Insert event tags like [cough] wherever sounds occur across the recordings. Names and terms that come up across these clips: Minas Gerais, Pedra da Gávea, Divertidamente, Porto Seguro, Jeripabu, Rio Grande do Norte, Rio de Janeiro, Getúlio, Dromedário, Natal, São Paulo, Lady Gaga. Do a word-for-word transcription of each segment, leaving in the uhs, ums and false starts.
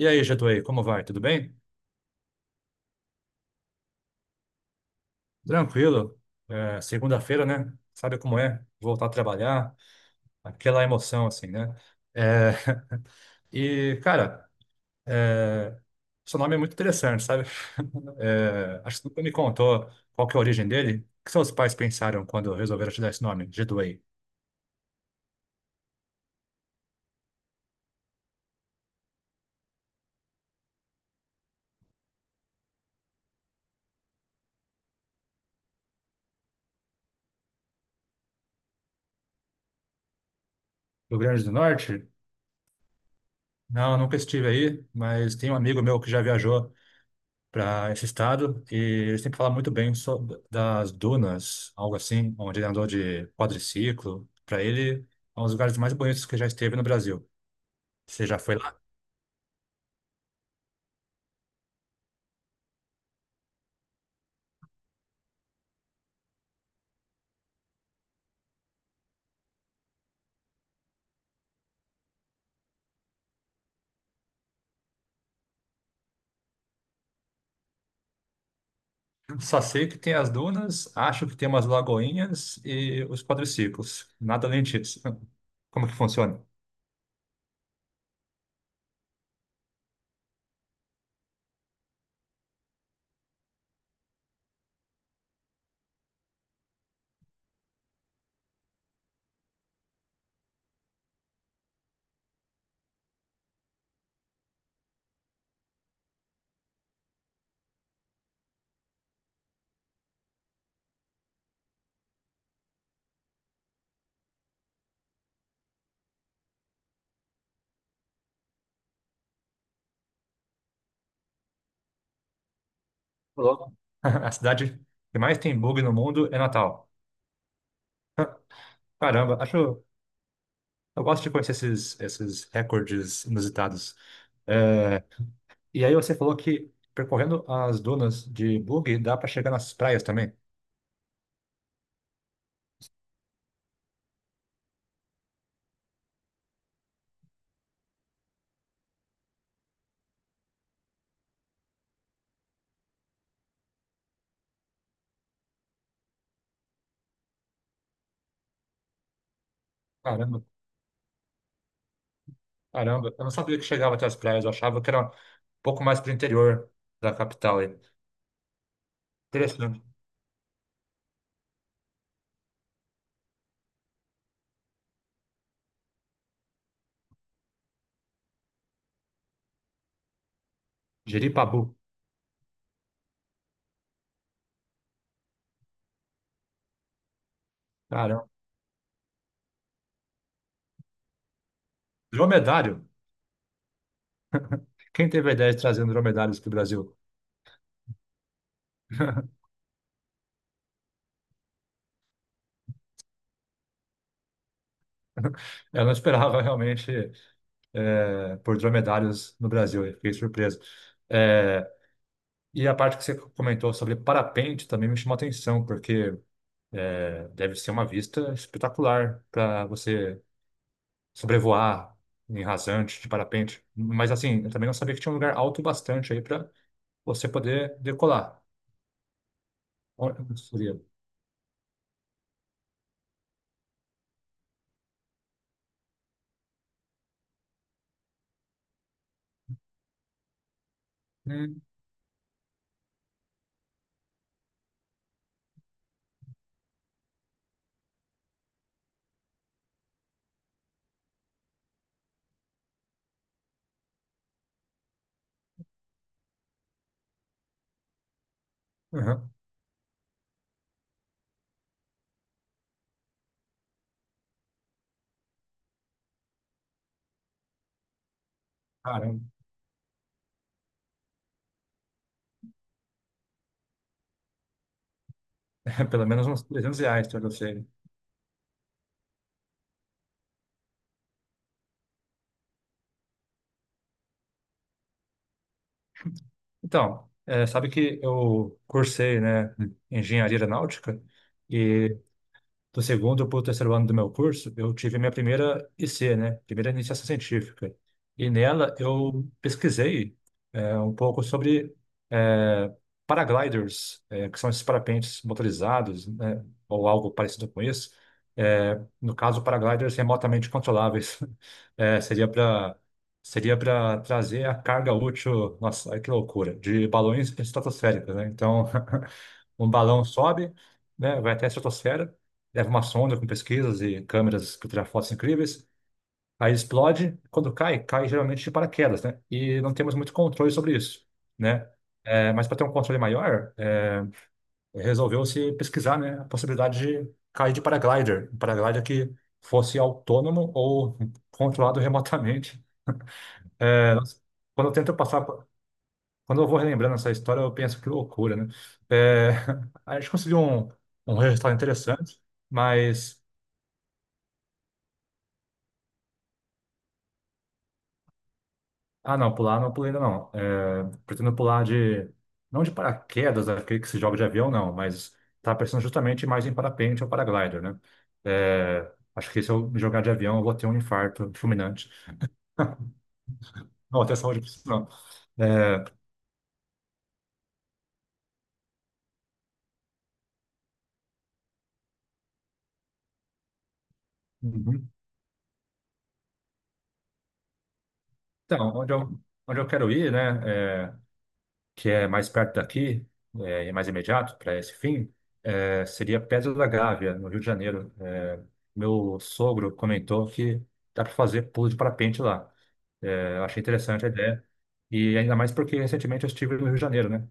E aí, Getúlio, como vai? Tudo bem? Tranquilo. É, segunda-feira, né? Sabe como é? Voltar a trabalhar, aquela emoção, assim, né? É, [laughs] E, cara, é, seu nome é muito interessante, sabe? [laughs] É, Acho que nunca me contou qual que é a origem dele. O que seus pais pensaram quando resolveram te dar esse nome, Getúlio? Rio Grande do Norte? Não, nunca estive aí, mas tem um amigo meu que já viajou para esse estado e eles sempre fala muito bem sobre das dunas, algo assim, onde ele andou de quadriciclo. Para ele, é um dos lugares mais bonitos que já esteve no Brasil. Você já foi lá? Só sei que tem as dunas, acho que tem umas lagoinhas e os quadriciclos. Nada além disso. [laughs] Como que funciona? Louco. [laughs] A cidade que mais tem bug no mundo é Natal. Caramba, acho. Eu gosto de conhecer esses, esses recordes inusitados. É, E aí você falou que percorrendo as dunas de buggy dá para chegar nas praias também. Caramba, caramba. Eu não sabia que chegava até as praias. Eu achava que era um pouco mais para o interior da capital aí. Interessante. Jeripabu. Caramba. Dromedário. Quem teve a ideia de trazer dromedários para o Brasil? [laughs] Eu não esperava [laughs] realmente eh, por dromedários no Brasil. Eu fiquei surpreso. Eh, E a parte que você comentou sobre parapente também me chamou a atenção, porque é, deve ser uma vista espetacular para você sobrevoar em rasante de parapente. Mas assim, eu também não sabia que tinha um lugar alto bastante aí para você poder decolar. Olha que seria. Hum, aham. Caramba, [laughs] pelo menos uns trezentos reais para você. Então, é, sabe que eu cursei, né, engenharia aeronáutica e do segundo para o terceiro ano do meu curso, eu tive minha primeira I C, né? Primeira iniciação científica. E nela eu pesquisei é, um pouco sobre é, paragliders, é, que são esses parapentes motorizados, né? Ou algo parecido com isso. É, no caso, paragliders remotamente controláveis. [laughs] É, seria para seria para trazer a carga útil, nossa, ai, que loucura, de balões estratosféricos, né? Então, [laughs] um balão sobe, né, vai até a estratosfera, leva uma sonda com pesquisas e câmeras que tiram fotos incríveis, aí explode, quando cai, cai geralmente de paraquedas, né, e não temos muito controle sobre isso, né. É, mas para ter um controle maior, é, resolveu-se pesquisar, né, a possibilidade de cair de paraglider, um paraglider que fosse autônomo ou controlado [laughs] remotamente. É, nós- Quando eu tento passar. Quando eu vou relembrando essa história, eu penso que loucura, né? É, [laughs] a gente conseguiu um, um resultado interessante, mas. Ah, não, pular não pulei ainda não. É, pretendo pular de. Não de paraquedas, aquele que se joga de avião, não, mas tá pensando justamente mais em parapente ou paraglider, né? É, acho que se eu me jogar de avião, eu vou ter um infarto fulminante. Não, vou ter saúde pra isso, não. É, uhum. Então, onde eu, onde eu quero ir, né? É, que é mais perto daqui, é, e mais imediato para esse fim, é, seria Pedra da Gávea, no Rio de Janeiro. É, meu sogro comentou que dá para fazer pulo de parapente lá. É, eu achei interessante a ideia. E ainda mais porque recentemente eu estive no Rio de Janeiro, né?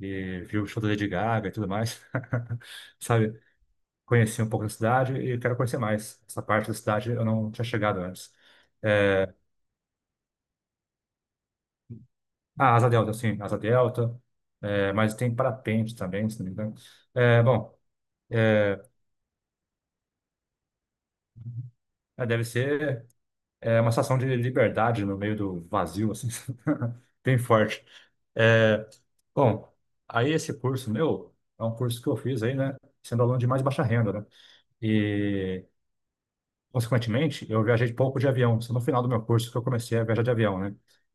E vi o show da Lady Gaga e tudo mais. [laughs] Sabe? Conheci um pouco da cidade e quero conhecer mais. Essa parte da cidade eu não tinha chegado antes. É, a Asa Delta, sim, Asa Delta. É, mas tem parapente também, se não me engano. É, bom, É, é, deve ser é, uma sensação de liberdade no meio do vazio, assim, [laughs] bem forte. É, Bom, aí esse curso meu é um curso que eu fiz aí, né, sendo aluno de mais baixa renda, né? E, consequentemente, eu viajei pouco de avião. Só no final do meu curso que eu comecei a viajar de avião, né?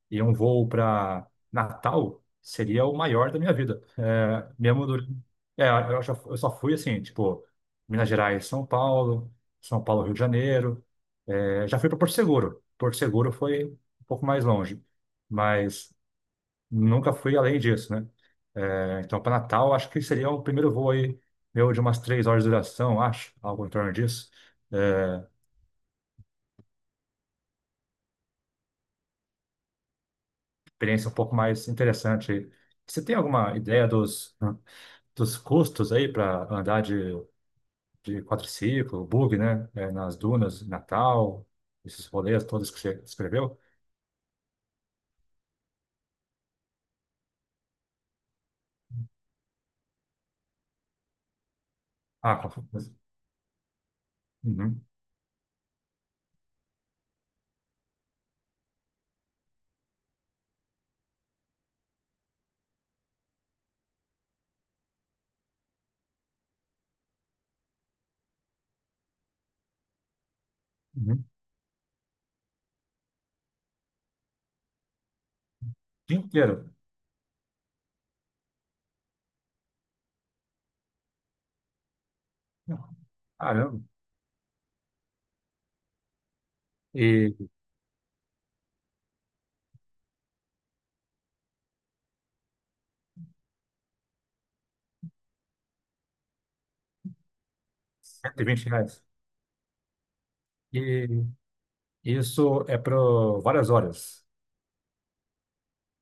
E um voo para Natal seria o maior da minha vida. É, mesmo durante... É, eu, já- eu só fui assim, tipo, Minas Gerais, São Paulo, São Paulo, Rio de Janeiro. É, já fui para Porto Seguro. Porto Seguro foi um pouco mais longe, mas nunca fui além disso, né? É, então, para Natal, acho que seria o primeiro voo aí, meu, de umas três horas de duração, acho, algo em torno disso. É, Experiência um pouco mais interessante aí. Você tem alguma ideia dos, dos custos aí para andar de, de quadriciclo, bug, né? É, nas dunas, Natal, esses rolês todos que você escreveu? Ah, com- uhum, uhum. Dia inteiro. Caramba. E cento e vinte reais. E isso é para várias horas.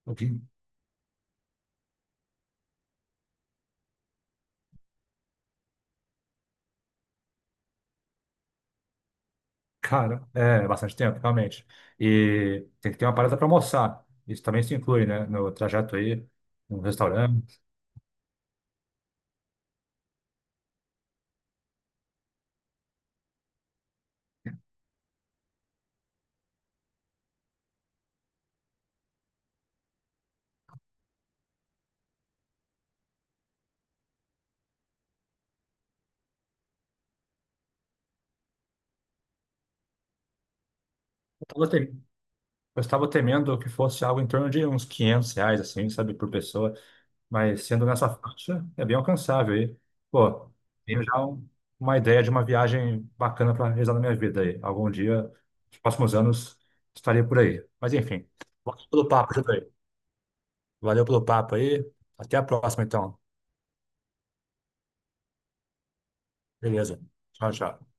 O que- Cara, é bastante tempo, realmente. E tem que ter uma parada para almoçar. Isso também se inclui, né? No trajeto aí, no restaurante. Tava te- Eu estava temendo que fosse algo em torno de uns quinhentos reais, assim, sabe, por pessoa. Mas sendo nessa faixa, é bem alcançável. Aí pô, tenho já um- uma ideia de uma viagem bacana para realizar na minha vida aí. Algum dia, nos próximos anos, estarei por aí. Mas, enfim, valeu pelo papo, Júlio. Valeu pelo papo aí. Até a próxima, então. Beleza. Tchau, tchau.